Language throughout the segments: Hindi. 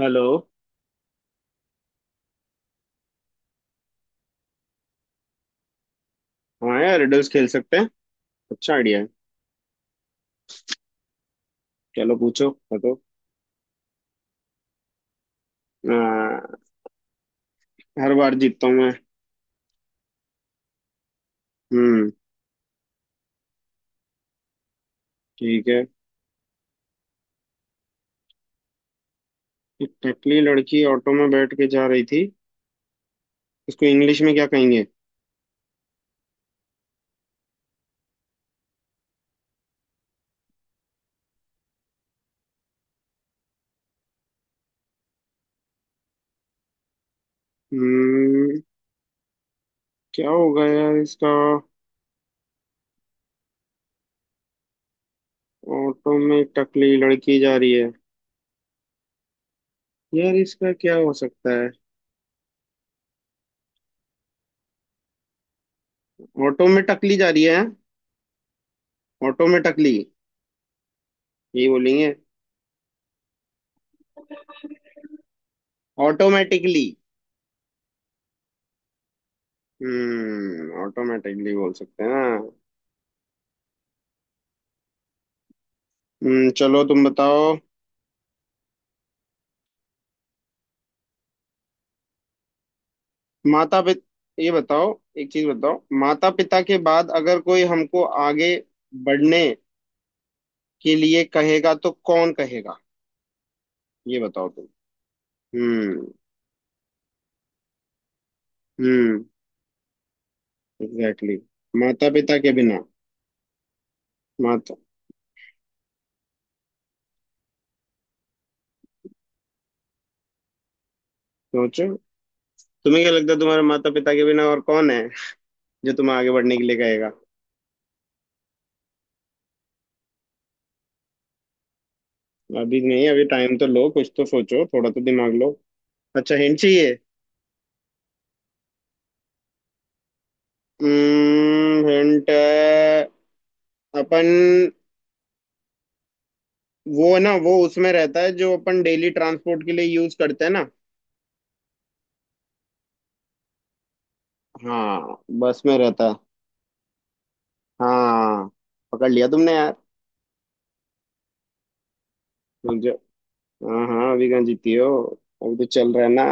हेलो। हाँ यार, रिडल्स खेल सकते हैं। अच्छा आइडिया है। चलो, पूछो बताओ। आ, हर बार जीतता हूँ मैं। हम्म। ठीक है। एक टकली लड़की ऑटो में बैठ के जा रही थी। इसको इंग्लिश में क्या कहेंगे? हम्म। क्या होगा यार इसका। ऑटो में टकली लड़की जा रही है। यार, इसका क्या हो सकता है? ऑटो में टकली जा रही है हाँ? ऑटो में टकली, यही बोलेंगे। ऑटोमेटिकली। ऑटोमेटिकली बोल सकते हैं ना। चलो तुम बताओ। माता पिता ये बताओ। एक चीज बताओ, माता पिता के बाद अगर कोई हमको आगे बढ़ने के लिए कहेगा तो कौन कहेगा? ये बताओ तुम। हम्म हम्म। एग्जैक्टली। माता पिता के बिना। माता सोचो। तुम्हें क्या लगता है तुम्हारे माता पिता के बिना और कौन है जो तुम्हें आगे बढ़ने के लिए कहेगा? अभी नहीं, अभी टाइम तो लो, कुछ तो सोचो, थोड़ा तो दिमाग लो। अच्छा, हिंट चाहिए। हिंट। अपन वो है ना, वो उसमें रहता है जो अपन डेली ट्रांसपोर्ट के लिए यूज करते हैं ना। हाँ, बस में रहता है। हाँ, पकड़ लिया तुमने यार। मुझे हाँ हाँ, अभी कहाँ जीती हो? अभी तो चल रहा है ना।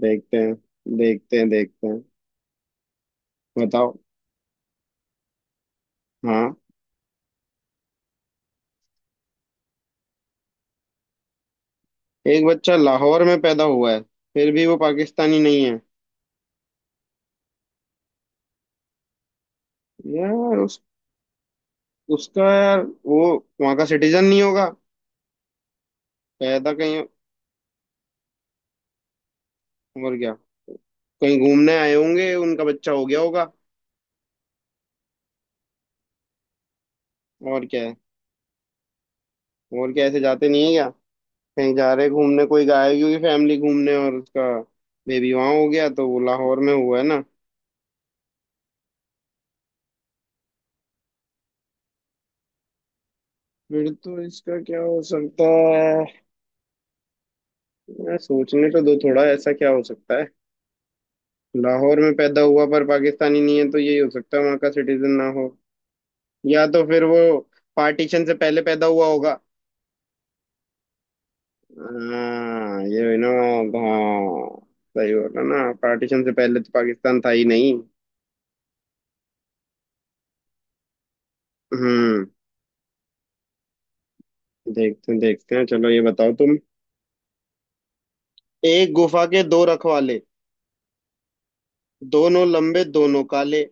देखते हैं। देखते हैं देखते हैं। बताओ। हाँ। एक बच्चा लाहौर में पैदा हुआ है, फिर भी वो पाकिस्तानी नहीं है। यार उस उसका यार वो वहाँ का सिटीजन नहीं होगा। पैदा कहीं और क्या। कहीं घूमने आए होंगे, उनका बच्चा हो गया होगा। और क्या है? और क्या, ऐसे जाते नहीं है? कहीं जा रहे घूमने, कोई गायब ही हुई फैमिली घूमने और उसका बेबी वहां हो गया, तो वो लाहौर में हुआ है ना। फिर तो इसका क्या हो सकता है? मैं सोचने तो दो, थोड़ा ऐसा क्या हो सकता है। लाहौर में पैदा हुआ पर पाकिस्तानी नहीं है, तो यही हो सकता है वहां का सिटीजन ना हो। या तो फिर वो पार्टीशन से पहले पैदा हुआ होगा। हाँ, ये भी ना। हाँ, सही बोला ना, पार्टीशन से पहले तो पाकिस्तान था ही नहीं। हम्म। देखते हैं देखते हैं, चलो ये बताओ तुम। एक गुफा के दो रखवाले, दोनों लंबे दोनों काले।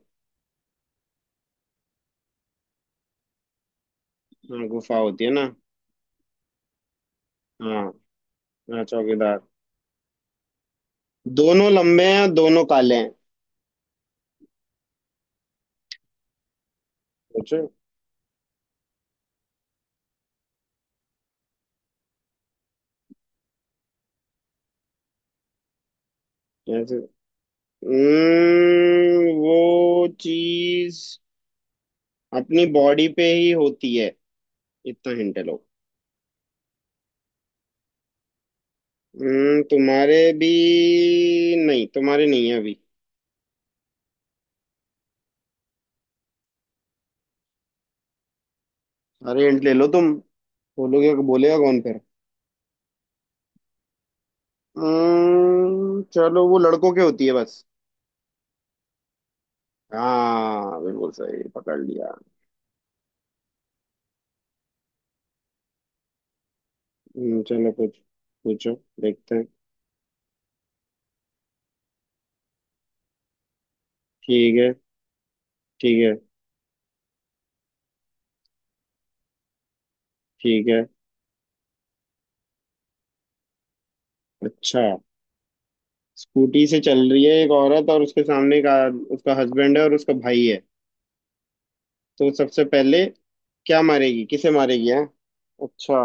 हाँ, गुफा होती है ना। हाँ। हाँ, चौकीदार। दोनों लंबे हैं, दोनों काले हैं। सोचो। कैसे? वो चीज अपनी बॉडी पे ही होती है। इतना हिंट लो। तुम्हारे भी। नहीं, तुम्हारे नहीं है अभी। अरे, हिंट ले लो तुम। बोलोगे, बोलेगा कौन फिर। चलो वो लड़कों के होती है बस। हाँ, बिल्कुल सही पकड़ लिया। चलो कुछ पूछो। देखते हैं। ठीक है। ठीक है। ठीक है। अच्छा। स्कूटी से चल रही है एक औरत और उसके सामने का उसका हस्बैंड है और उसका भाई है। तो सबसे पहले क्या मारेगी, किसे मारेगी है? अच्छा।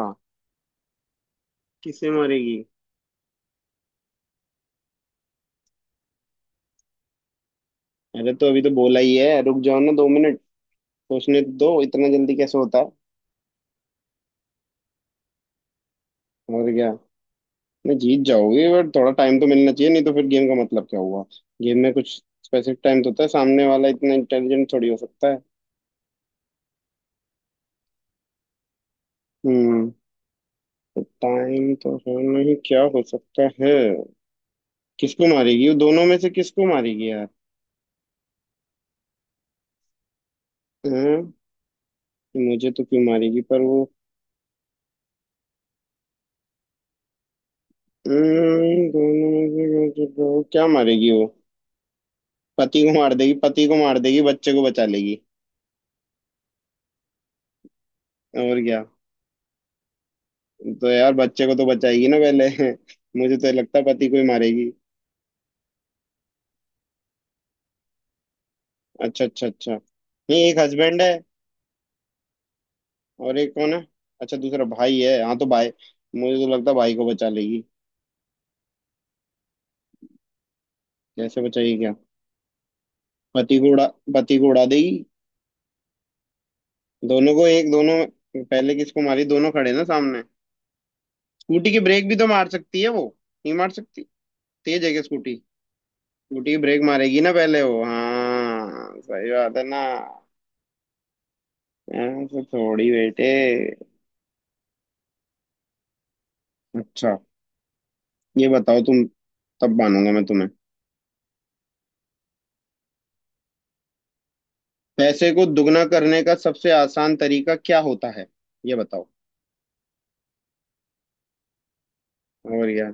किसे मारेगी? अरे, तो अभी तो बोला ही है, रुक जाओ ना 2 मिनट। सोचने तो दो, इतना जल्दी कैसे होता है। और क्या। नहीं जीत जाओगे, बट थोड़ा टाइम तो मिलना चाहिए, नहीं तो फिर गेम का मतलब क्या हुआ। गेम में कुछ स्पेसिफिक टाइम तो होता है, सामने वाला इतना इंटेलिजेंट थोड़ी हो सकता है। हम्म। टाइम तो है। नहीं, क्या हो सकता है, किसको मारेगी वो, दोनों में से किसको मारेगी यार। हाँ। मुझे तो क्यों मारेगी, पर वो। दोनों में से क्या मारेगी वो। पति को मार देगी, पति को मार देगी, बच्चे को बचा लेगी। और क्या। तो यार बच्चे को तो बचाएगी ना पहले। मुझे तो लगता है पति को ही मारेगी। अच्छा अच्छा अच्छा, नहीं एक हस्बैंड है और एक कौन है? अच्छा, दूसरा भाई है, हाँ तो भाई। मुझे तो लगता है भाई को बचा लेगी। कैसे बचाएगी क्या? पति को उड़ा पति को उड़ा देगी। दोनों को एक दोनों पहले किसको मारी, दोनों खड़े ना सामने। स्कूटी की ब्रेक भी तो मार सकती है वो, नहीं मार सकती? तेज है क्या स्कूटी? स्कूटी की ब्रेक मारेगी ना पहले वो, हाँ सही बात है ना। ऐसे थोड़ी बेटे। अच्छा, ये बताओ तुम, तब मानूंगा मैं तुम्हें। पैसे को दुगना करने का सबसे आसान तरीका क्या होता है, ये बताओ। और यार।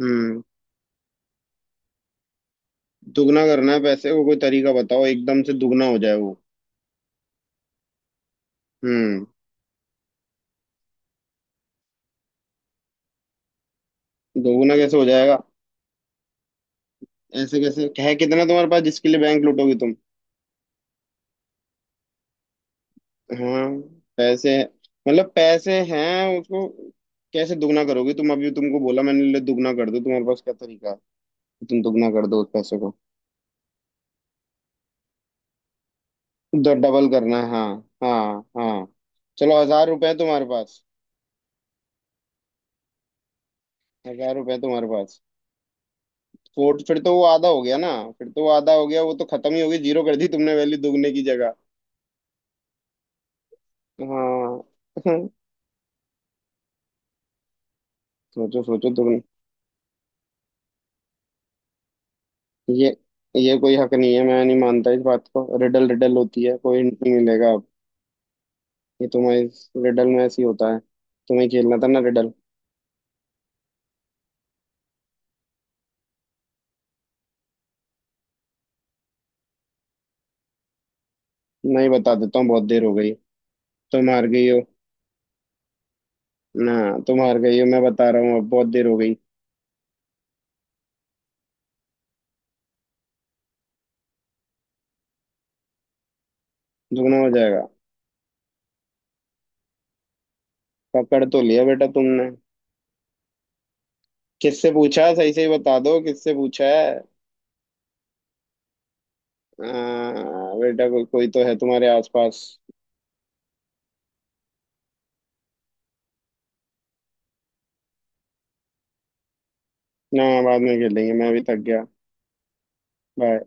हम्म। दुगना करना है पैसे को, कोई तरीका बताओ, एकदम से दुगना हो जाए वो। हम्म। दोगुना कैसे हो जाएगा? ऐसे कैसे है, कितना तुम्हारे पास जिसके लिए बैंक लूटोगी तुम। हाँ। पैसे मतलब पैसे हैं उसको, कैसे दुगना करोगी तुम? अभी तुमको बोला मैंने, ले दुगना कर दो, तुम्हारे पास क्या तरीका है कि तुम दुगना कर दो उस पैसे को। डबल करना है, हाँ। हाँ हाँ। चलो 1,000 रुपए है तुम्हारे पास। 1,000 रुपए है तुम्हारे पास। फोर्ट फिर तो वो आधा हो गया ना। फिर तो वो आधा हो गया, वो तो खत्म ही हो गई, जीरो कर दी तुमने वैल्यू दुगने की जगह। हाँ। सोचो सोचो तुम। ये ये कोई हक नहीं है, मैं नहीं मानता इस बात को, रिडल रिडल होती है, कोई नहीं मिलेगा अब। ये तुम्हें इस रिडल में ऐसे ही होता है, तुम्हें खेलना था ना रिडल। नहीं, बता देता हूँ, बहुत देर हो गई। तुम हार गई हो। ना, तुम हार गई हो, मैं बता रहा हूँ, अब बहुत देर हो गई। दुगना हो जाएगा। पकड़ तो लिया बेटा तुमने। किससे पूछा है? सही से ही बता दो, किससे पूछा है? बेटा, कोई कोई तो है तुम्हारे आसपास। ना, बाद में खेलेंगे, मैं अभी थक गया। बाय।